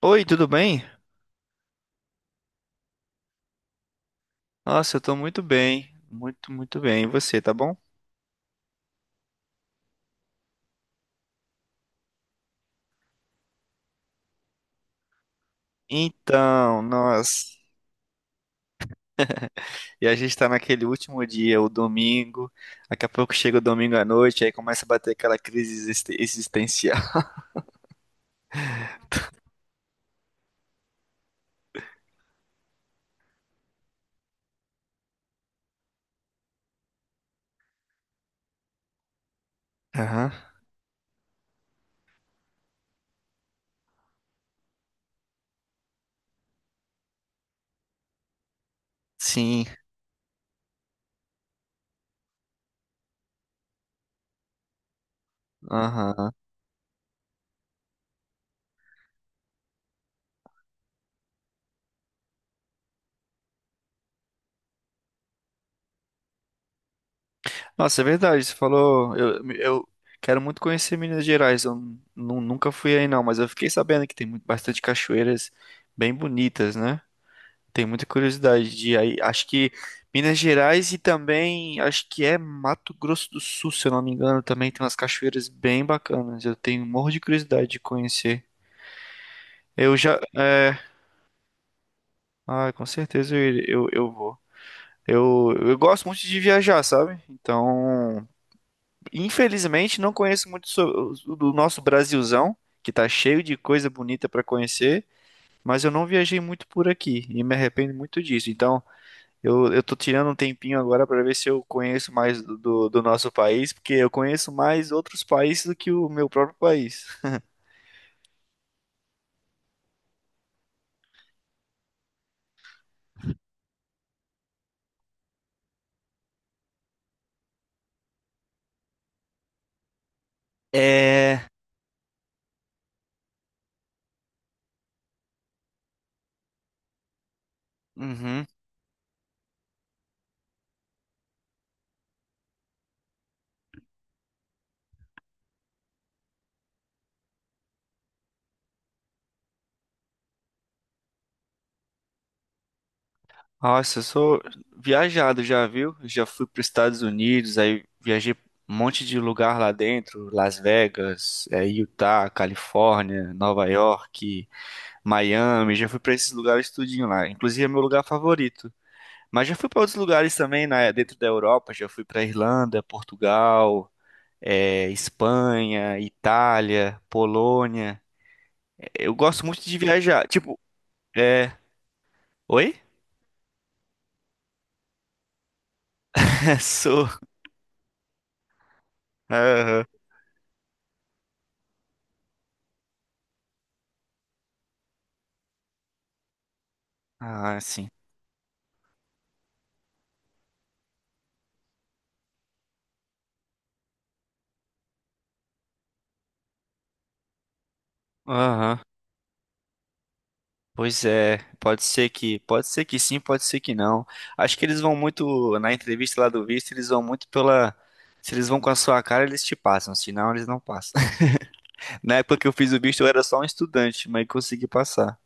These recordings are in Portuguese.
Oi, tudo bem? Nossa, eu tô muito bem, muito, muito bem. E você, tá bom? Então, nossa. E a gente tá naquele último dia, o domingo. Daqui a pouco chega o domingo à noite, aí começa a bater aquela crise existencial. Aham. Sim, aham. Nossa, é verdade, você falou. Eu quero muito conhecer Minas Gerais. Eu nunca fui aí, não, mas eu fiquei sabendo que tem muito, bastante cachoeiras bem bonitas, né? Tem muita curiosidade de aí. Acho que Minas Gerais e também acho que é Mato Grosso do Sul, se eu não me engano, também tem umas cachoeiras bem bacanas. Eu tenho um morro de curiosidade de conhecer. Eu já, é, ah, com certeza eu vou. Eu gosto muito de viajar, sabe? Então, infelizmente, não conheço muito do nosso Brasilzão, que tá cheio de coisa bonita pra conhecer, mas eu não viajei muito por aqui e me arrependo muito disso. Então, eu tô tirando um tempinho agora pra ver se eu conheço mais do nosso país, porque eu conheço mais outros países do que o meu próprio país. É. Uhum. Nossa, eu sou viajado já, viu? Já fui para os Estados Unidos, aí viajei um monte de lugar lá dentro, Las Vegas, é, Utah, Califórnia, Nova York, Miami, já fui para esses lugares tudinho lá. Inclusive é meu lugar favorito. Mas já fui para outros lugares também, né, dentro da Europa, já fui para Irlanda, Portugal, é, Espanha, Itália, Polônia. Eu gosto muito de viajar. Tipo, é. Oi? Sou. Aham. Ah, sim. Aham. Pois é, pode ser que sim, pode ser que não. Acho que eles vão muito, na entrevista lá do visto, eles vão muito pela, se eles vão com a sua cara, eles te passam, se não, eles não passam. Na época que eu fiz o visto, eu era só um estudante, mas consegui passar.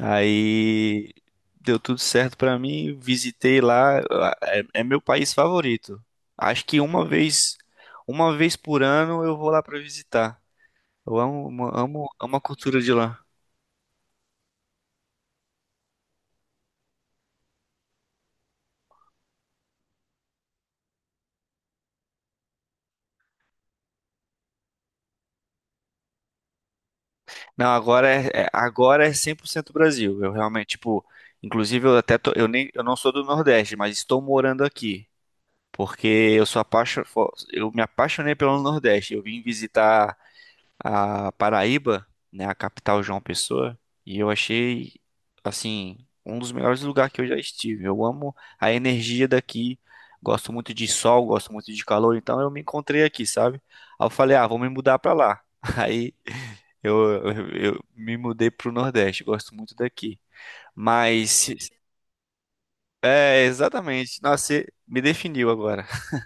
Aí deu tudo certo pra mim, visitei lá, é, é meu país favorito. Acho que uma vez por ano eu vou lá pra visitar. Eu amo, amo, amo a cultura de lá. Não, agora agora é 100% Brasil. Eu realmente, tipo, inclusive eu até eu nem eu não sou do Nordeste, mas estou morando aqui, porque eu me apaixonei pelo Nordeste. Eu vim visitar a Paraíba, né, a capital João Pessoa, e eu achei assim um dos melhores lugares que eu já estive. Eu amo a energia daqui, gosto muito de sol, gosto muito de calor, então eu me encontrei aqui, sabe? Aí eu falei, ah, vou me mudar pra lá. Aí eu, eu, eu me mudei pro Nordeste, gosto muito daqui. Mas é exatamente, nossa, você me definiu agora.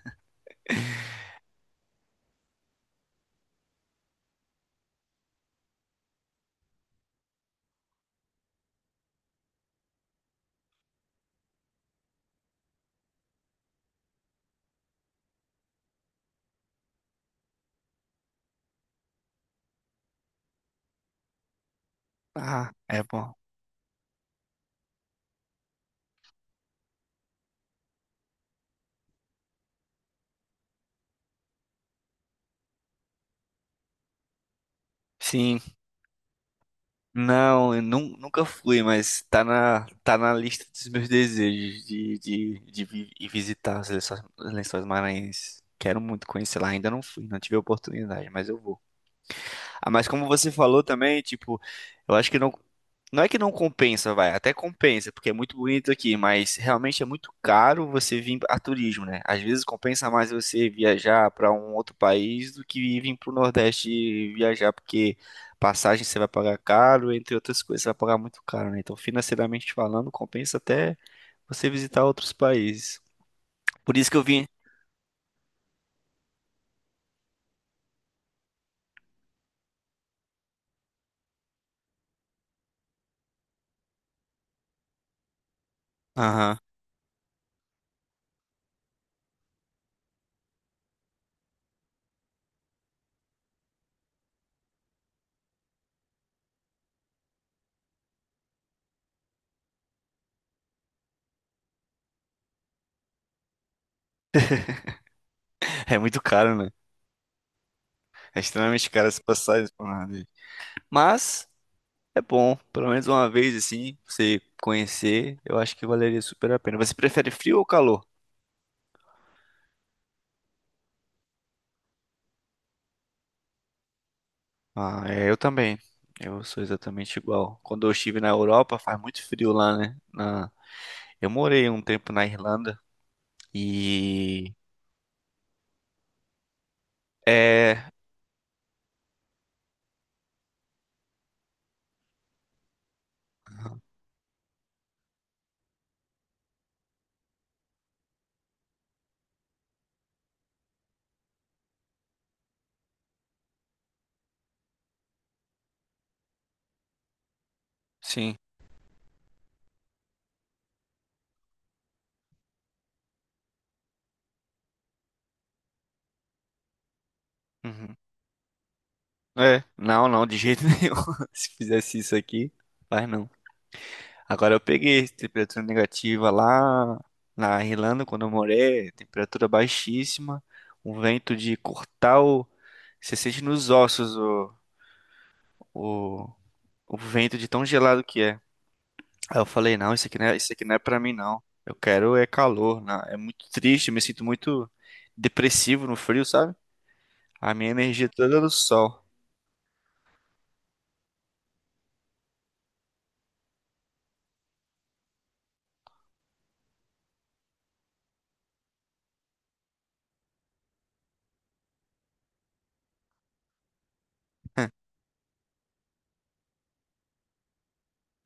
Ah, é bom. Sim. Não, eu nunca fui, mas tá na lista dos meus desejos de ir visitar as Lençóis Maranhenses. Quero muito conhecer lá, ainda não fui, não tive a oportunidade, mas eu vou. Ah, mas como você falou também, tipo, eu acho que não. Não é que não compensa, vai, até compensa, porque é muito bonito aqui, mas realmente é muito caro você vir a turismo, né? Às vezes compensa mais você viajar para um outro país do que vir para o Nordeste e viajar, porque passagem você vai pagar caro, entre outras coisas, você vai pagar muito caro, né? Então, financeiramente falando, compensa até você visitar outros países. Por isso que eu vim. Aham. É muito caro, né? É extremamente caro as passagens pro Nordeste. Mas. É bom, pelo menos uma vez assim, você conhecer, eu acho que valeria super a pena. Você prefere frio ou calor? Ah, é, eu também. Eu sou exatamente igual. Quando eu estive na Europa, faz muito frio lá, né? Na... Eu morei um tempo na Irlanda e é, sim. Uhum. É, não, não, de jeito nenhum. Se fizesse isso aqui, faz não. Agora eu peguei temperatura negativa lá na Irlanda, quando eu morei, temperatura baixíssima, um vento de cortar o... Você sente nos ossos o, o vento de tão gelado que é. Aí eu falei, não, isso aqui não é, isso aqui não é pra mim, não. Eu quero é calor, né? É muito triste, eu me sinto muito depressivo no frio, sabe? A minha energia é toda é no sol.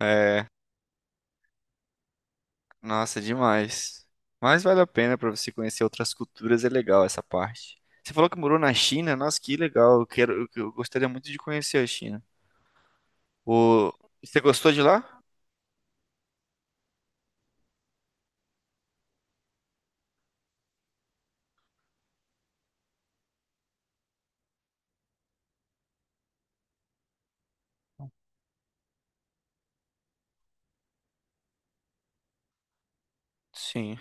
É, nossa, é demais. Mas vale a pena pra você conhecer outras culturas, é legal essa parte. Você falou que morou na China, nossa, que legal. Eu quero, eu gostaria muito de conhecer a China. O... Você gostou de lá? Sim.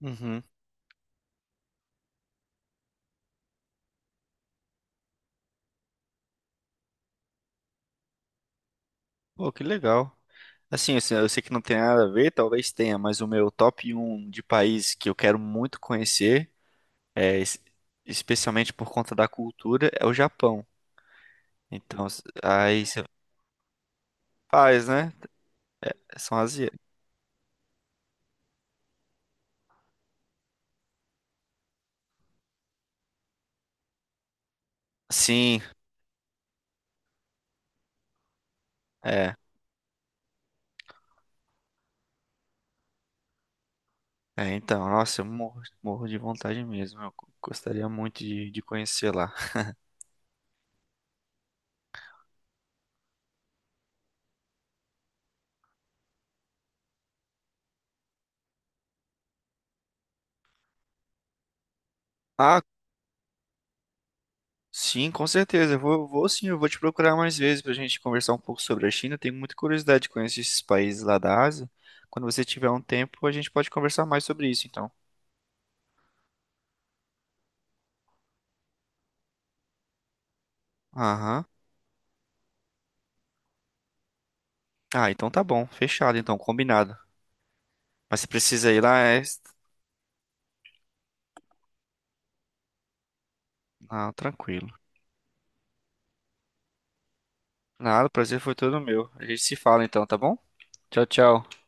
Uhum. Pô, que legal. Assim, eu sei que não tem nada a ver, talvez tenha, mas o meu top um de país que eu quero muito conhecer, é, es- especialmente por conta da cultura, é o Japão. Então, aí você faz, né? São asiáticos. Sim, é. É, então, nossa, eu morro, morro de vontade mesmo. Eu gostaria muito de conhecer lá. Ah, sim, com certeza. Eu vou sim, eu vou te procurar mais vezes pra gente conversar um pouco sobre a China. Tenho muita curiosidade de conhecer esses países lá da Ásia. Quando você tiver um tempo, a gente pode conversar mais sobre isso, então. Aham. Ah, então tá bom. Fechado, então, combinado. Mas se precisa ir lá, é. Ah, tranquilo. Nada, o prazer foi todo meu. A gente se fala então, tá bom? Tchau, tchau.